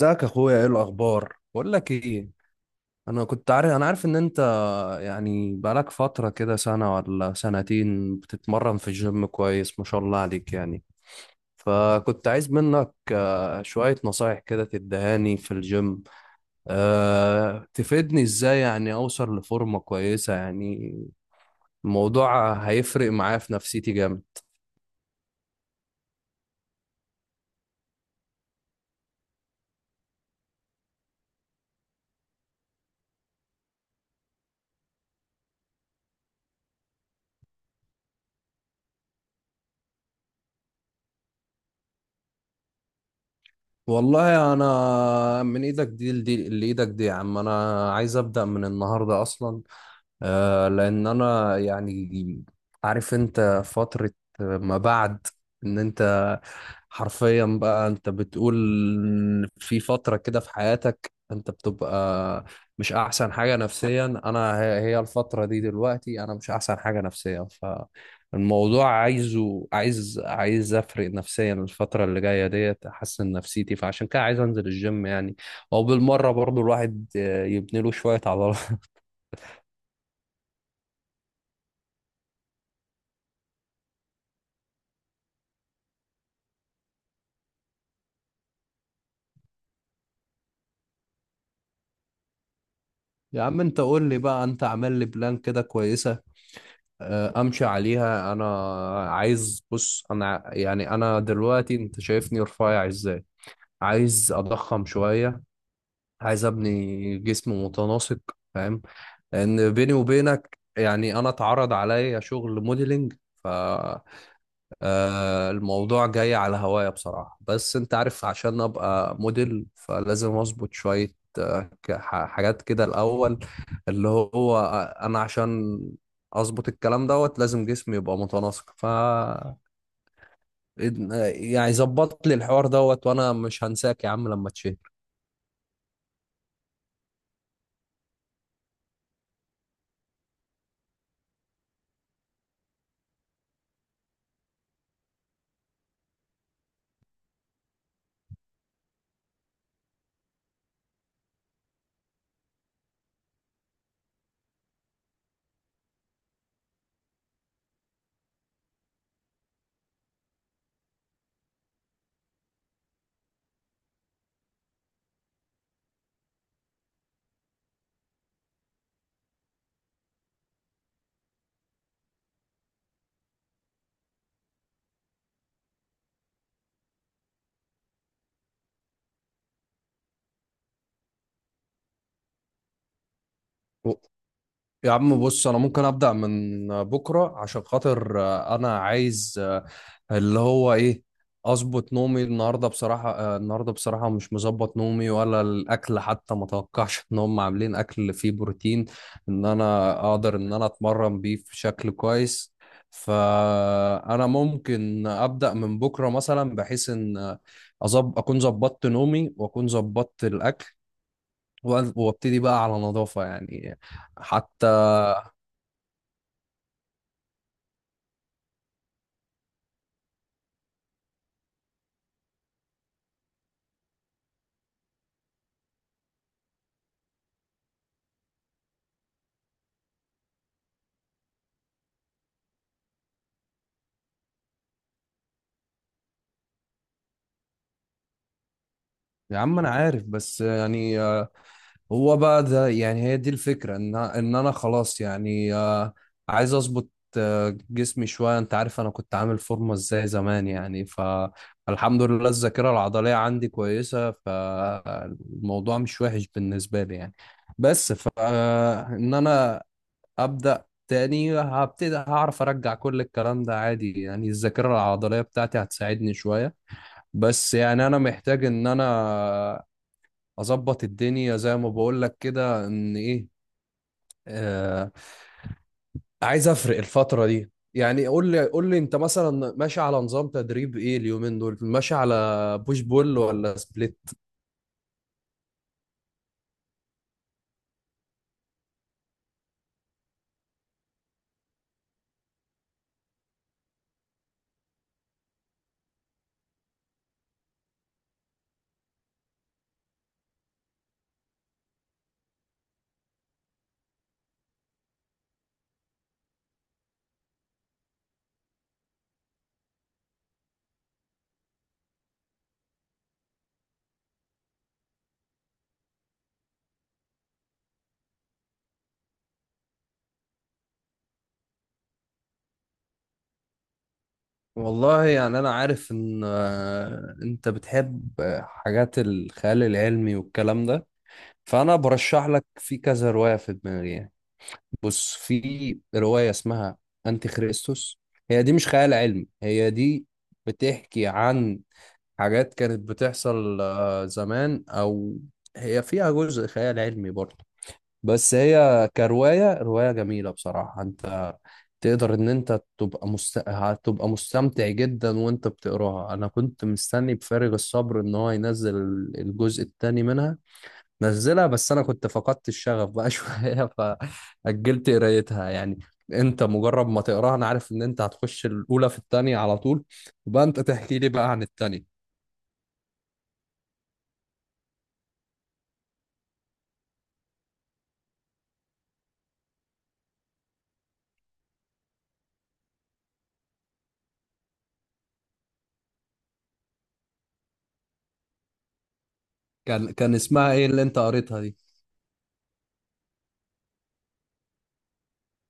ازيك يا اخويا؟ ايه الاخبار؟ بقول لك ايه. انا عارف ان انت، يعني بقالك فتره كده سنه ولا سنتين بتتمرن في الجيم كويس، ما شاء الله عليك يعني. فكنت عايز منك شويه نصايح كده تدهاني في الجيم، تفيدني ازاي يعني اوصل لفورمه كويسه يعني. الموضوع هيفرق معايا في نفسيتي جامد. والله انا من ايدك دي لايدك دي يا عم، انا عايز ابدا من النهارده اصلا. لان انا يعني عارف، انت فترة ما بعد ان انت حرفيا بقى انت بتقول في فترة كده في حياتك انت بتبقى مش احسن حاجة نفسيا. انا هي الفترة دي دلوقتي، انا مش احسن حاجة نفسيا. فالموضوع عايز افرق نفسيا الفترة اللي جاية ديت، احسن نفسيتي، فعشان كده عايز انزل الجيم يعني، او بالمرة برضو الواحد يبني له شوية عضلات. يا عم انت قول لي بقى، انت عامل لي بلان كده كويسة امشي عليها انا. عايز، بص، انا يعني انا دلوقتي انت شايفني رفيع ازاي، عايز اضخم شوية، عايز ابني جسم متناسق، فاهم؟ لان بيني وبينك يعني انا اتعرض عليا شغل موديلنج، ف الموضوع جاي على هوايا بصراحة، بس انت عارف عشان ابقى موديل فلازم اظبط شوية حاجات كده الأول، اللي هو أنا عشان أظبط الكلام دوت لازم جسمي يبقى متناسق، ف يعني ظبط لي الحوار دوت، وأنا مش هنساك يا عم لما تشهر. يا عم بص، انا ممكن ابدا من بكره عشان خاطر انا عايز اللي هو ايه، اظبط نومي. النهارده بصراحه النهارده بصراحه مش مظبط نومي ولا الاكل، حتى ما توقعش ان هم عاملين اكل فيه بروتين ان انا اقدر ان انا اتمرن بيه في شكل كويس. فانا ممكن ابدا من بكره مثلا، بحيث ان اكون ظبطت نومي واكون ظبطت الاكل، وابتدي بقى على نظافه يعني، حتى. يا عم انا عارف بس يعني هو بقى ده يعني، هي دي الفكرة ان انا خلاص يعني عايز اظبط جسمي شوية. انت عارف انا كنت عامل فورمة ازاي زمان يعني، فالحمد لله الذاكرة العضلية عندي كويسة، فالموضوع مش وحش بالنسبة لي يعني. بس ف ان انا ابدأ تاني هبتدي هعرف ارجع كل الكلام ده عادي يعني، الذاكرة العضلية بتاعتي هتساعدني شوية. بس يعني انا محتاج ان انا اظبط الدنيا زي ما بقول لك كده، ان ايه آه عايز افرق الفتره دي يعني. قول لي انت مثلا ماشي على نظام تدريب ايه؟ اليومين دول ماشي على بوش بول ولا سبليت؟ والله يعني انا عارف ان انت بتحب حاجات الخيال العلمي والكلام ده، فانا برشح لك في كذا روايه في دماغي يعني. بص، في روايه اسمها انتي خريستوس. هي دي مش خيال علمي، هي دي بتحكي عن حاجات كانت بتحصل زمان، او هي فيها جزء خيال علمي برضه. بس هي رواية جميلة بصراحة، انت تقدر ان انت تبقى هتبقى مستمتع جدا وانت بتقراها. انا كنت مستني بفارغ الصبر ان هو ينزل الجزء الثاني منها، نزلها بس انا كنت فقدت الشغف بقى شوية، فأجلت قرايتها يعني. انت مجرد ما تقراها انا عارف ان انت هتخش الاولى في الثانيه على طول، يبقى انت تحكي لي بقى عن الثانيه. كان اسمها ايه اللي انت قريتها دي؟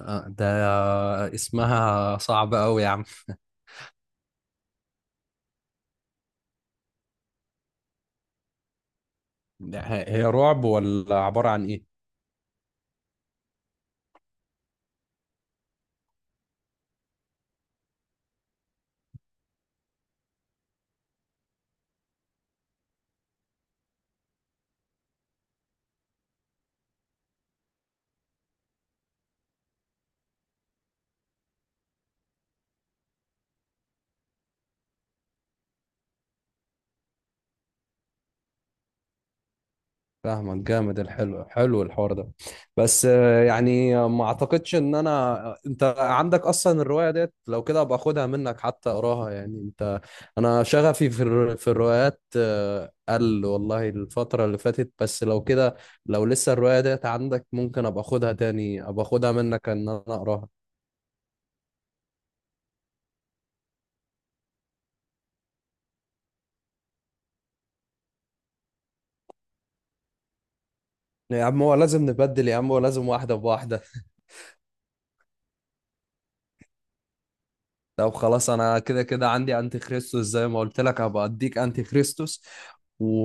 ده اسمها صعب قوي يا عم. هي رعب ولا عبارة عن ايه؟ فاهمك جامد، الحلو حلو الحوار ده، بس يعني ما اعتقدش ان انا، انت عندك اصلا الرواية ديت؟ لو كده ابقى اخدها منك حتى اقراها يعني. انت، انا شغفي في الروايات قل والله الفترة اللي فاتت، بس لو كده، لو لسه الرواية ديت عندك ممكن ابقى اخدها تاني، ابقى اخدها منك ان انا اقراها. يا عم هو لازم نبدل، يا عم هو لازم واحدة بواحدة. طب خلاص، أنا كده كده عندي أنتي خريستوس زي ما قلت لك، هبقى أديك أنتي خريستوس و...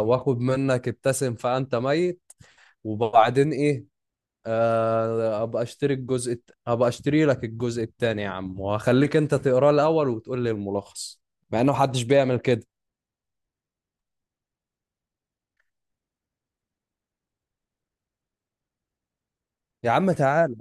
وآخد منك ابتسم فأنت ميت، وبعدين إيه أبقى أشتري لك الجزء التاني يا عم، وهخليك أنت تقراه الأول وتقول لي الملخص، مع إنه محدش بيعمل كده. يا عم تعال،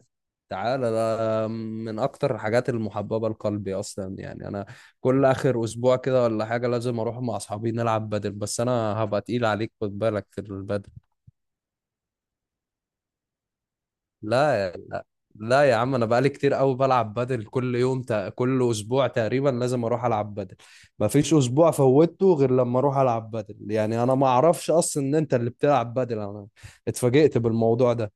تعالى ده من اكتر الحاجات المحببه لقلبي اصلا يعني، انا كل اخر اسبوع كده ولا حاجه لازم اروح مع اصحابي نلعب بدل، بس انا هبقى تقيل عليك، خد بالك في البدل. لا يا لا، لا يا عم انا بقالي كتير قوي بلعب بدل، كل اسبوع تقريبا لازم اروح العب بدل. مفيش اسبوع فوتته غير لما اروح العب بدل يعني، انا ما اعرفش اصلا ان انت اللي بتلعب بدل، انا اتفاجئت بالموضوع ده.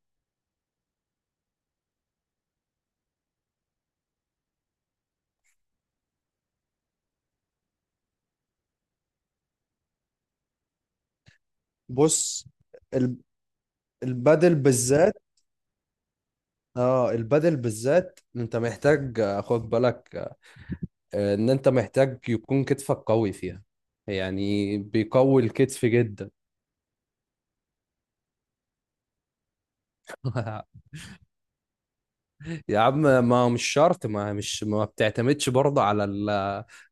بص، ال- البدل بالذات، اه البادل بالذات انت محتاج خد بالك ان انت محتاج يكون كتفك قوي فيها، يعني بيقوي الكتف جدا. يا عم، ما هو مش شرط، ما مش ما بتعتمدش برضه على ال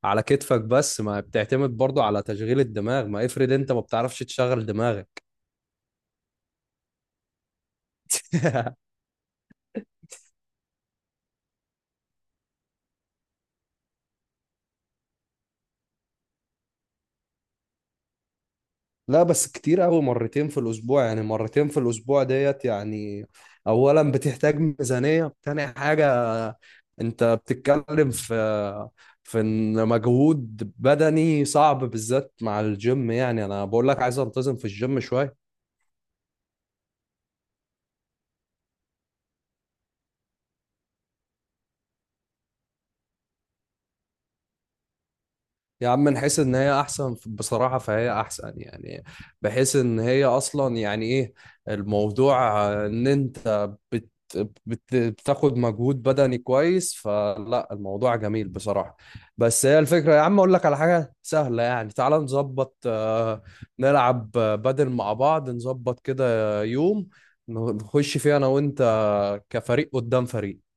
على كتفك بس، ما بتعتمد برضه على تشغيل الدماغ، ما افرض انت ما بتعرفش تشغل دماغك. لا بس كتير قوي مرتين في الأسبوع، يعني مرتين في الأسبوع ديت يعني، أولا بتحتاج ميزانية، تاني حاجة أنت بتتكلم في إن مجهود بدني صعب بالذات مع الجيم، يعني أنا بقول لك عايز أنتظم في الجيم شوية. يا عم نحس ان هي احسن بصراحة فهي احسن يعني، بحيث ان هي اصلا يعني ايه، الموضوع ان انت بتاخد مجهود بدني كويس، فلا الموضوع جميل بصراحة. بس هي الفكرة يا عم، اقول لك على حاجة سهلة يعني، تعال نظبط نلعب بدل مع بعض، نظبط كده يوم نخش فيه انا وانت كفريق قدام فريق.